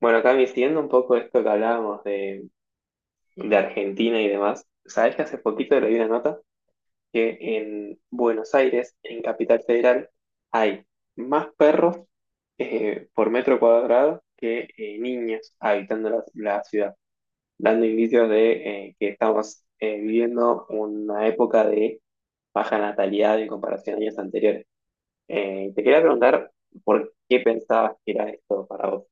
Bueno, Cami, siguiendo un poco esto que hablábamos de Argentina y demás, sabes que hace poquito leí una nota que en Buenos Aires, en Capital Federal, hay más perros por metro cuadrado que niños habitando la ciudad, dando indicios de que estamos viviendo una época de baja natalidad en comparación a años anteriores. Te quería preguntar por qué pensabas que era esto para vos.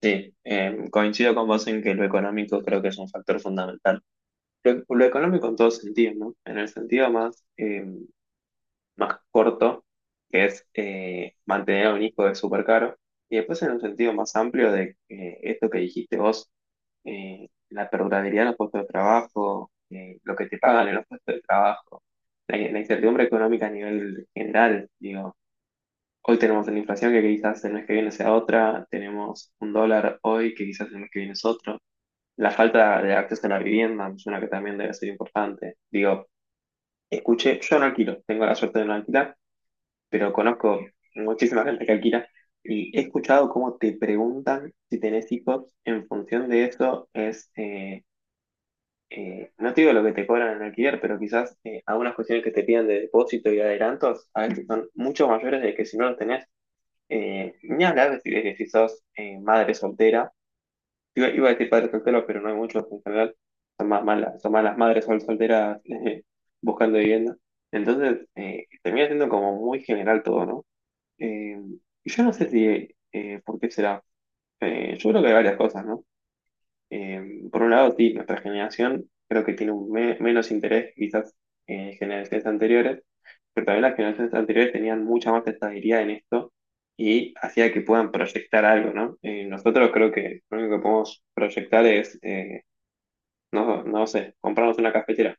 Sí, coincido con vos en que lo económico creo que es un factor fundamental. Lo económico en todo sentido, ¿no? En el sentido más, más corto, que es mantener a un hijo es súper caro, y después en un sentido más amplio de esto que dijiste vos, la perdurabilidad en los puestos de trabajo, lo que te pagan en los puestos de trabajo, la incertidumbre económica a nivel general, digo. Hoy tenemos la inflación que quizás el mes que viene sea otra, tenemos un dólar hoy que quizás el mes que viene es otro. La falta de acceso a la vivienda me suena que también debe ser importante. Digo, escuché, yo no alquilo, tengo la suerte de no alquilar, pero conozco muchísima gente que alquila y he escuchado cómo te preguntan si tenés hijos. En función de eso es, no te digo lo que te cobran en alquiler, pero quizás algunas cuestiones que te piden de depósito y adelantos a veces son mucho mayores de que si no los tenés. Ni hablar de si sos madre soltera. Iba a decir padres solteros, pero no hay muchos en general. Son más las- son más las madres sol- solteras buscando vivienda. Entonces, termina siendo como muy general todo, ¿no? Eh, y yo no sé si, por qué será. Yo creo que hay varias cosas, ¿no? Por un lado, sí, nuestra generación creo que tiene un me- menos interés quizás en generaciones anteriores, pero también las generaciones anteriores tenían mucha más estabilidad en esto y hacía que puedan proyectar algo, ¿no? Nosotros creo que lo único que podemos proyectar es, no, no sé, comprarnos una cafetera.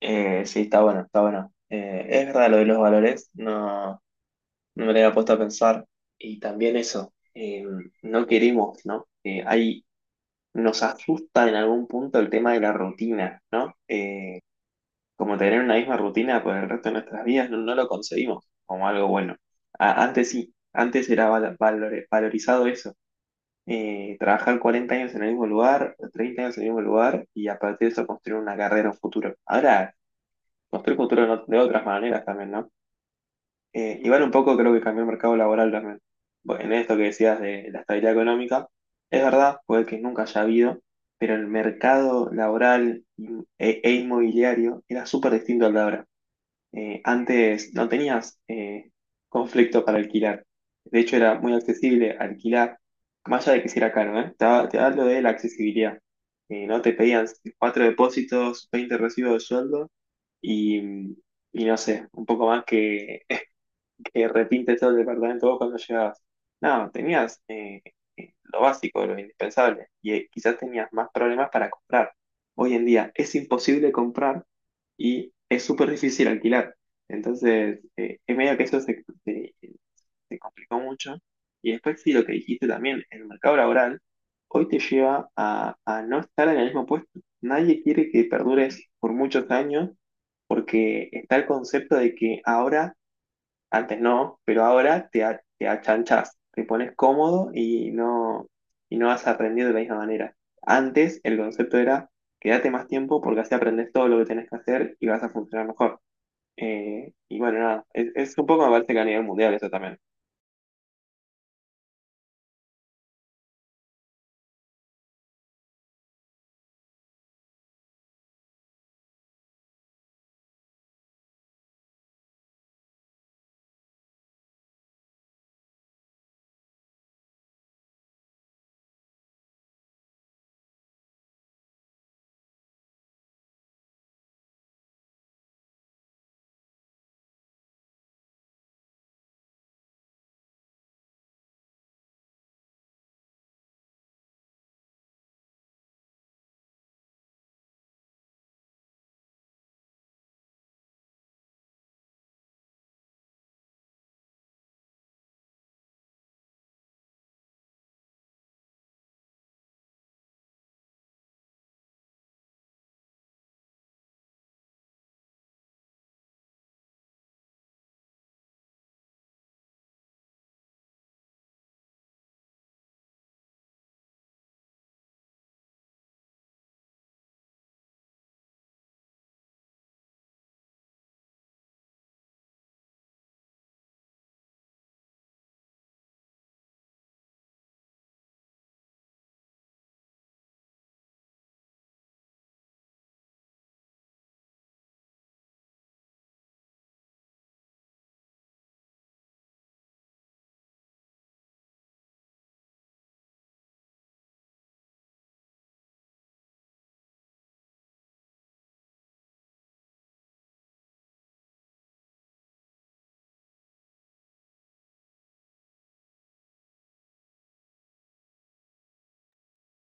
Sí, está bueno, está bueno. Es verdad lo de los valores, no, no me lo había puesto a pensar. Y también eso, no queremos, ¿no? Hay Nos asusta en algún punto el tema de la rutina, ¿no? Como tener una misma rutina por el resto de nuestras vidas, no, no lo conseguimos como algo bueno. A- antes sí, antes era val- valor- valorizado eso. Trabajar 40 años en el mismo lugar, 30 años en el mismo lugar y a partir de eso construir una carrera, un futuro. Ahora, construir futuro no- de otras maneras también, ¿no? Igual un poco creo que cambió el mercado laboral también. Bueno, en esto que decías de la estabilidad económica, es verdad, puede que nunca haya habido, pero el mercado laboral in- e inmobiliario era súper distinto al de ahora. Antes no tenías conflicto para alquilar. De hecho, era muy accesible alquilar, más allá de que si era caro, ¿eh? Te, ha- te hablo de la accesibilidad. No te pedían cuatro depósitos, 20 recibos de sueldo y, y no sé, un poco más que repinte todo el departamento vos cuando llegabas. No, tenías lo básico, lo indispensable, y quizás tenías más problemas para comprar. Hoy en día es imposible comprar y es súper difícil alquilar. Entonces, es medio que eso se complicó mucho. Y después sí, lo que dijiste también, el mercado laboral hoy te lleva a no estar en el mismo puesto. Nadie quiere que perdures por muchos años porque está el concepto de que ahora antes no, pero ahora te achanchás, te pones cómodo y no vas a aprender de la misma manera. Antes el concepto era quédate más tiempo porque así aprendes todo lo que tenés que hacer y vas a funcionar mejor. Y bueno, nada, es un poco me parece que a nivel mundial eso también.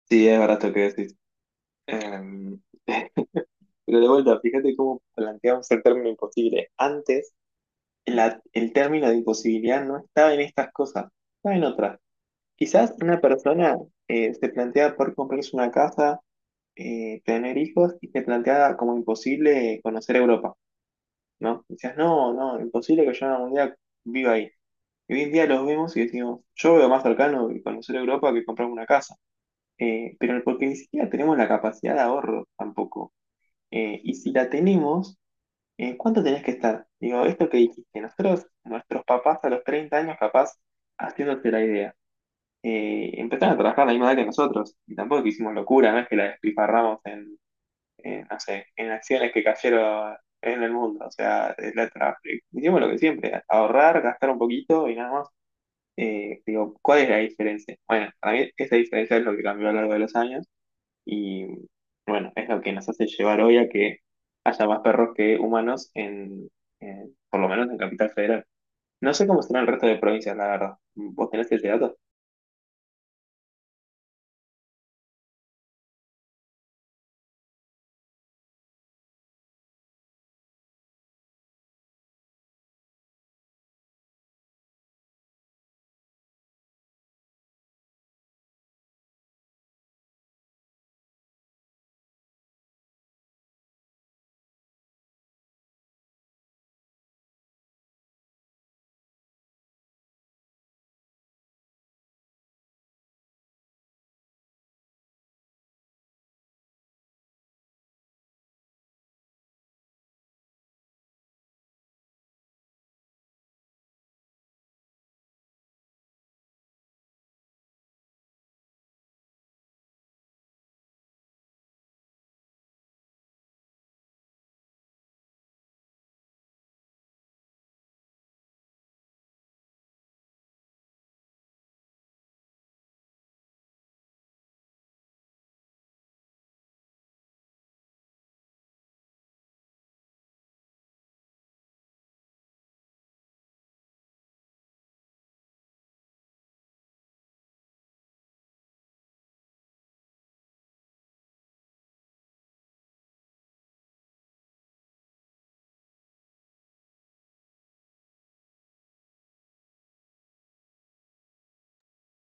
Sí, es verdad esto que decís. Em, pero de vuelta, fíjate cómo planteamos el término imposible. Antes la- el término de imposibilidad no estaba en estas cosas, estaba en otras. Quizás una persona se plantea por comprarse una casa, tener hijos y se plantea como imposible conocer Europa, ¿no? Decías, no, no, imposible que yo algún día viva ahí. Y hoy en día los vemos y decimos, yo veo más cercano y conocer Europa que comprarme una casa. Pero porque ni siquiera tenemos la capacidad de ahorro tampoco. Y si la tenemos, ¿cuánto tenés que estar? Digo, esto que dijiste, nosotros, nuestros papás a los 30 años capaz haciéndose la idea empezaron a trabajar a la misma edad que nosotros. Y tampoco es que hicimos locura, no es que la despifarramos en, no sé, en acciones que cayeron en el mundo. O sea, la tra- hicimos lo que siempre, ahorrar, gastar un poquito y nada más. Digo, ¿cuál es la diferencia? Bueno, para mí esa diferencia es lo que cambió a lo largo de los años y bueno, es lo que nos hace llevar hoy a que haya más perros que humanos en- por lo menos en Capital Federal. No sé cómo será el resto de provincias, la verdad. ¿Vos tenés ese dato?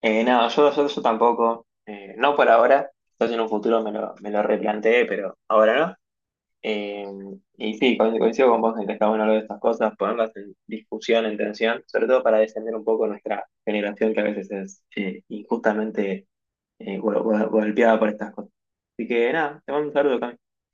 No, yo tampoco. No por ahora. Entonces en un futuro me me lo replanteé, pero ahora no. Eh, y sí, co- coincido con vos en que está bueno hablar de estas cosas, ponerlas en discusión, en tensión, sobre todo para defender un poco nuestra generación que a veces es injustamente gol- gol- golpeada por estas cosas. Así que nada, te mando un saludo, Cami.